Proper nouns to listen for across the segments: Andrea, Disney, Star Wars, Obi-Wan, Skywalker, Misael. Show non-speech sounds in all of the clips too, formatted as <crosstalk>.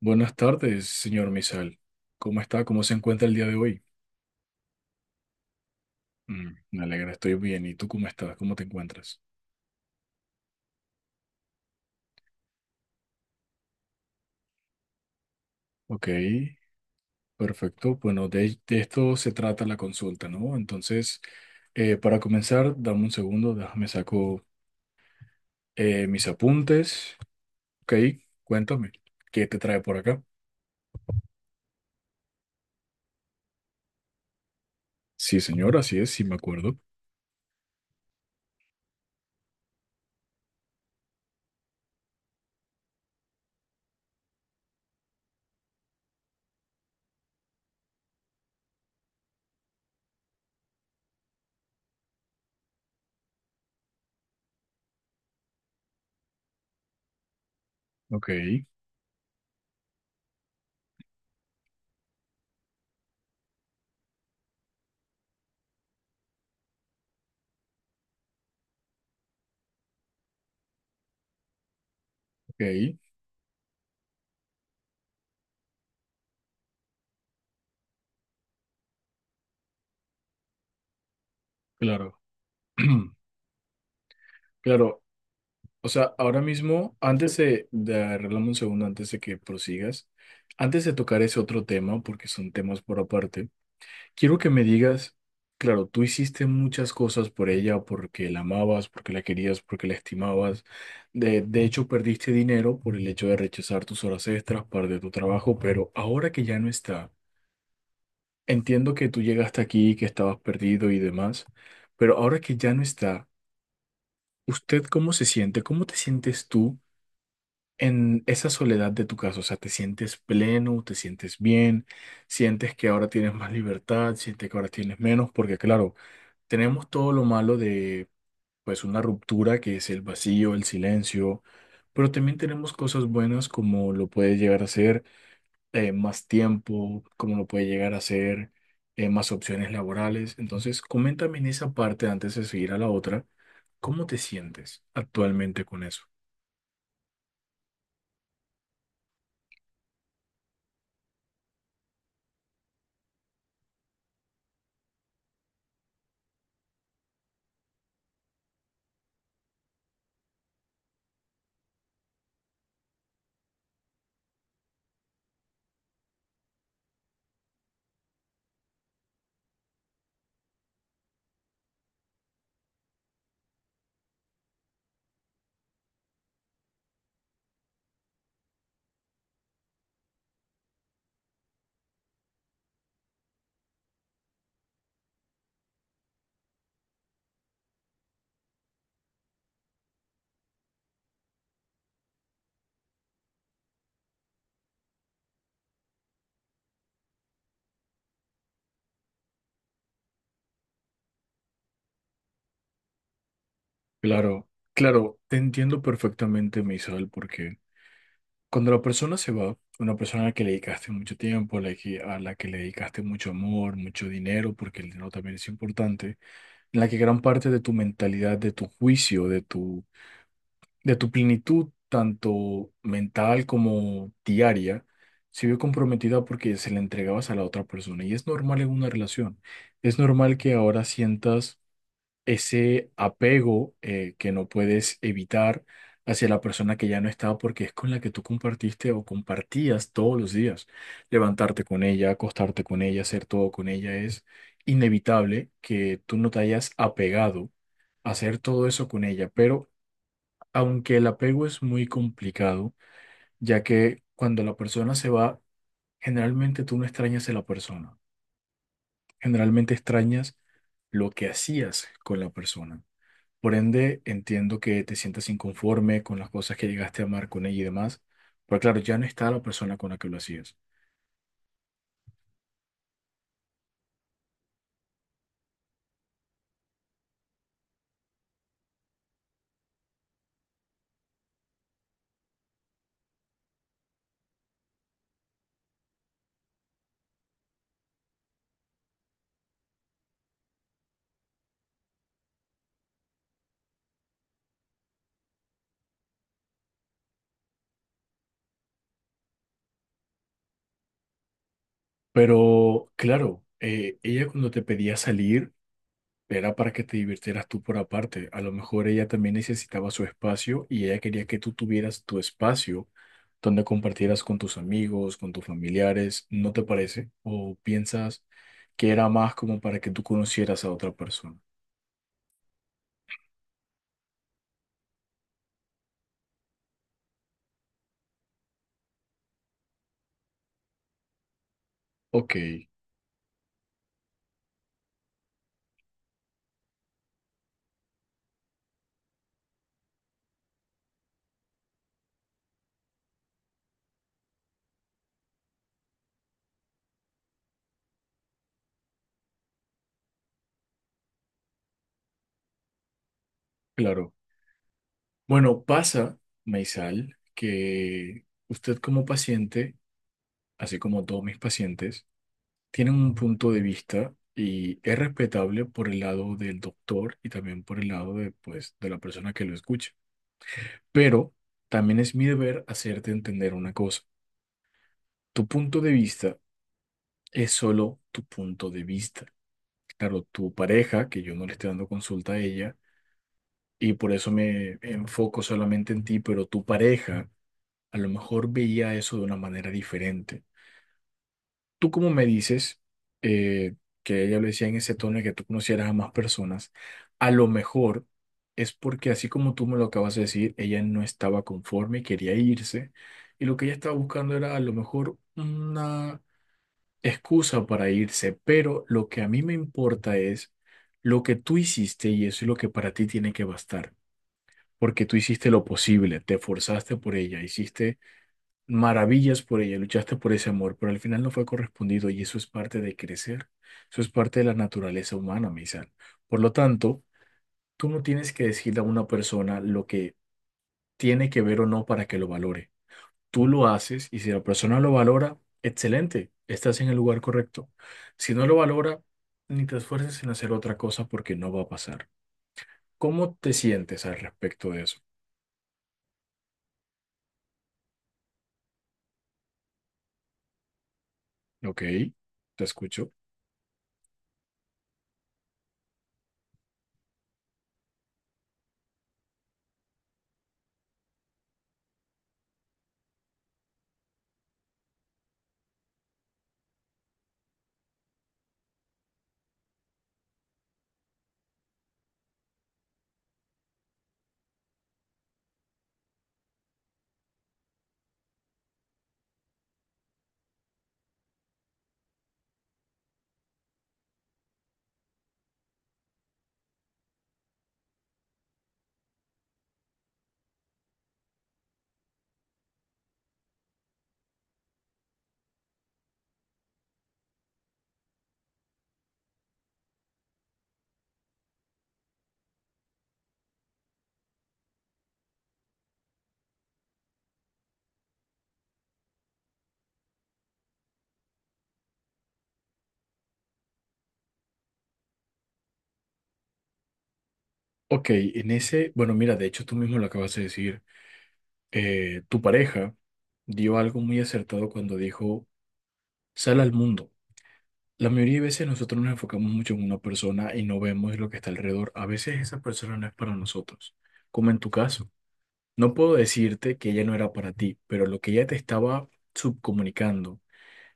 Buenas tardes, señor Misal. ¿Cómo está? ¿Cómo se encuentra el día de hoy? Mm, me alegra, estoy bien. ¿Y tú cómo estás? ¿Cómo te encuentras? Ok, perfecto. Bueno, de esto se trata la consulta, ¿no? Entonces, para comenzar, dame un segundo, déjame saco mis apuntes. Ok, cuéntame, ¿qué te trae por acá? Sí, señor, así es, sí me acuerdo. Ok, ok, claro. <clears throat> Claro, o sea, ahora mismo, antes de arreglarme un segundo, antes de que prosigas, antes de tocar ese otro tema, porque son temas por aparte, quiero que me digas, claro, tú hiciste muchas cosas por ella, porque la amabas, porque la querías, porque la estimabas. De hecho, perdiste dinero por el hecho de rechazar tus horas extras, parte de tu trabajo, pero ahora que ya no está, entiendo que tú llegaste aquí, que estabas perdido y demás, pero ahora que ya no está, ¿usted cómo se siente? ¿Cómo te sientes tú en esa soledad de tu casa? O sea, ¿te sientes pleno, te sientes bien, sientes que ahora tienes más libertad, sientes que ahora tienes menos? Porque claro, tenemos todo lo malo de, pues, una ruptura, que es el vacío, el silencio, pero también tenemos cosas buenas como lo puede llegar a ser más tiempo, como lo puede llegar a ser más opciones laborales. Entonces, coméntame en esa parte antes de seguir a la otra, ¿cómo te sientes actualmente con eso? Claro, claro, te entiendo perfectamente, Misael, porque cuando la persona se va, una persona a la que le dedicaste mucho tiempo, a la que le dedicaste mucho amor, mucho dinero, porque el dinero también es importante, en la que gran parte de tu mentalidad, de tu juicio, de tu plenitud, tanto mental como diaria, se vio comprometida porque se la entregabas a la otra persona. Y es normal en una relación. Es normal que ahora sientas ese apego, que no puedes evitar hacia la persona que ya no está, porque es con la que tú compartiste o compartías todos los días. Levantarte con ella, acostarte con ella, hacer todo con ella. Es inevitable que tú no te hayas apegado a hacer todo eso con ella, pero aunque el apego es muy complicado, ya que cuando la persona se va, generalmente tú no extrañas a la persona, generalmente extrañas lo que hacías con la persona. Por ende, entiendo que te sientas inconforme con las cosas que llegaste a amar con ella y demás, pero claro, ya no está la persona con la que lo hacías. Pero claro, ella cuando te pedía salir era para que te divirtieras tú por aparte. A lo mejor ella también necesitaba su espacio y ella quería que tú tuvieras tu espacio donde compartieras con tus amigos, con tus familiares, ¿no te parece? ¿O piensas que era más como para que tú conocieras a otra persona? Ok, claro. Bueno, pasa, Maisal, que usted como paciente, así como todos mis pacientes, tienen un punto de vista y es respetable por el lado del doctor y también por el lado de, pues, de la persona que lo escucha. Pero también es mi deber hacerte entender una cosa. Tu punto de vista es solo tu punto de vista. Claro, tu pareja, que yo no le estoy dando consulta a ella, y por eso me enfoco solamente en ti, pero tu pareja a lo mejor veía eso de una manera diferente. Tú como me dices, eh, que ella lo decía en ese tono de que tú conocieras a más personas, a lo mejor es porque así como tú me lo acabas de decir, ella no estaba conforme y quería irse, y lo que ella estaba buscando era a lo mejor una excusa para irse, pero lo que a mí me importa es lo que tú hiciste y eso es lo que para ti tiene que bastar. Porque tú hiciste lo posible, te esforzaste por ella, hiciste maravillas por ella, luchaste por ese amor, pero al final no fue correspondido y eso es parte de crecer, eso es parte de la naturaleza humana, Misal. Por lo tanto, tú no tienes que decirle a una persona lo que tiene que ver o no para que lo valore. Tú lo haces y si la persona lo valora, excelente, estás en el lugar correcto. Si no lo valora, ni te esfuerces en hacer otra cosa porque no va a pasar. ¿Cómo te sientes al respecto de eso? Ok, te escucho. Ok, en ese, bueno, mira, de hecho tú mismo lo acabas de decir. Tu pareja dio algo muy acertado cuando dijo, sal al mundo. La mayoría de veces nosotros nos enfocamos mucho en una persona y no vemos lo que está alrededor. A veces esa persona no es para nosotros, como en tu caso. No puedo decirte que ella no era para ti, pero lo que ella te estaba subcomunicando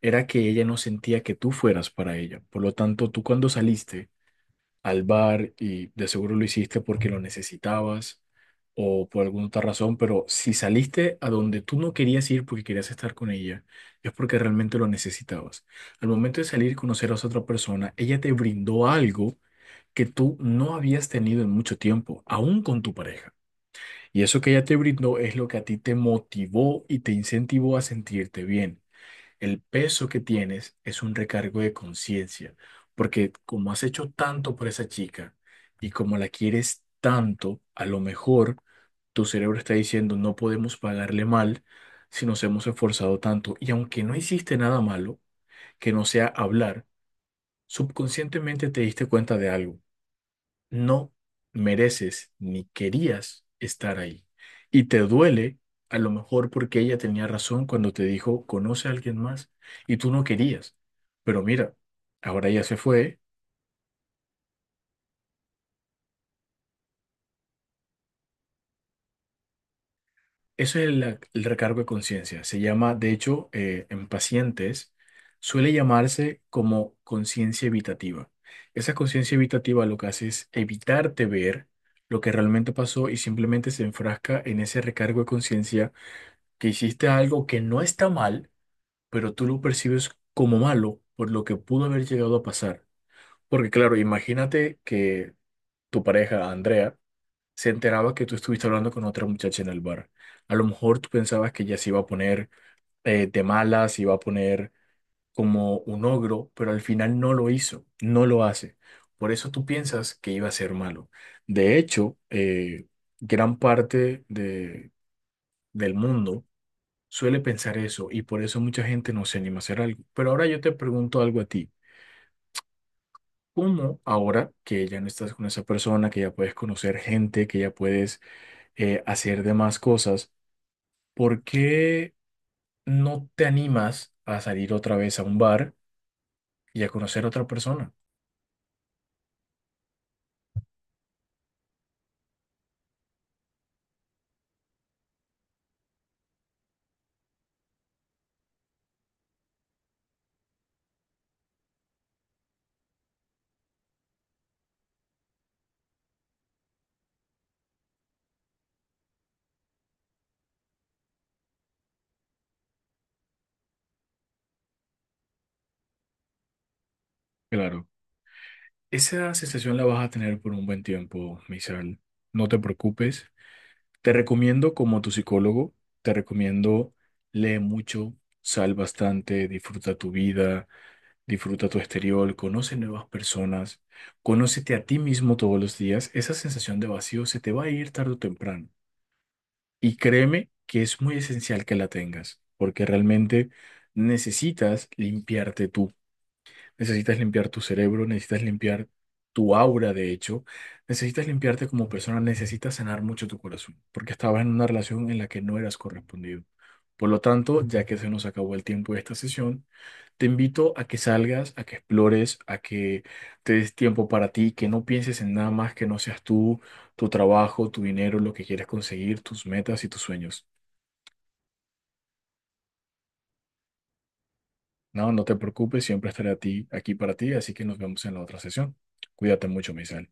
era que ella no sentía que tú fueras para ella. Por lo tanto, tú cuando saliste, al bar, y de seguro lo hiciste porque lo necesitabas o por alguna otra razón, pero si saliste a donde tú no querías ir porque querías estar con ella, es porque realmente lo necesitabas. Al momento de salir y conocer a esa otra persona, ella te brindó algo que tú no habías tenido en mucho tiempo, aún con tu pareja. Y eso que ella te brindó es lo que a ti te motivó y te incentivó a sentirte bien. El peso que tienes es un recargo de conciencia, porque como has hecho tanto por esa chica y como la quieres tanto, a lo mejor tu cerebro está diciendo no podemos pagarle mal si nos hemos esforzado tanto. Y aunque no hiciste nada malo, que no sea hablar, subconscientemente te diste cuenta de algo: no mereces ni querías estar ahí. Y te duele a lo mejor porque ella tenía razón cuando te dijo, conoce a alguien más, y tú no querías. Pero mira, ahora ella se fue. Eso es el recargo de conciencia. Se llama, de hecho, en pacientes, suele llamarse como conciencia evitativa. Esa conciencia evitativa lo que hace es evitarte ver lo que realmente pasó y simplemente se enfrasca en ese recargo de conciencia, que hiciste algo que no está mal, pero tú lo percibes como malo por lo que pudo haber llegado a pasar. Porque claro, imagínate que tu pareja, Andrea, se enteraba que tú estuviste hablando con otra muchacha en el bar. A lo mejor tú pensabas que ella se iba a poner, de malas, se iba a poner como un ogro, pero al final no lo hizo, no lo hace. Por eso tú piensas que iba a ser malo. De hecho, gran parte de, del mundo suele pensar eso y por eso mucha gente no se anima a hacer algo. Pero ahora yo te pregunto algo a ti. ¿Cómo ahora que ya no estás con esa persona, que ya puedes conocer gente, que ya puedes, hacer demás cosas, por qué no te animas a salir otra vez a un bar y a conocer a otra persona? Claro, esa sensación la vas a tener por un buen tiempo, Misael. No te preocupes. Te recomiendo como tu psicólogo, te recomiendo lee mucho, sal bastante, disfruta tu vida. Disfruta tu exterior, conoce nuevas personas, conócete a ti mismo todos los días. Esa sensación de vacío se te va a ir tarde o temprano. Y créeme que es muy esencial que la tengas, porque realmente necesitas limpiarte tú. Necesitas limpiar tu cerebro, necesitas limpiar tu aura, de hecho, necesitas limpiarte como persona, necesitas sanar mucho tu corazón, porque estabas en una relación en la que no eras correspondido. Por lo tanto, ya que se nos acabó el tiempo de esta sesión, te invito a que salgas, a que explores, a que te des tiempo para ti, que no pienses en nada más que no seas tú, tu trabajo, tu dinero, lo que quieres conseguir, tus metas y tus sueños. No, no te preocupes, siempre estaré a ti, aquí para ti, así que nos vemos en la otra sesión. Cuídate mucho, Misael.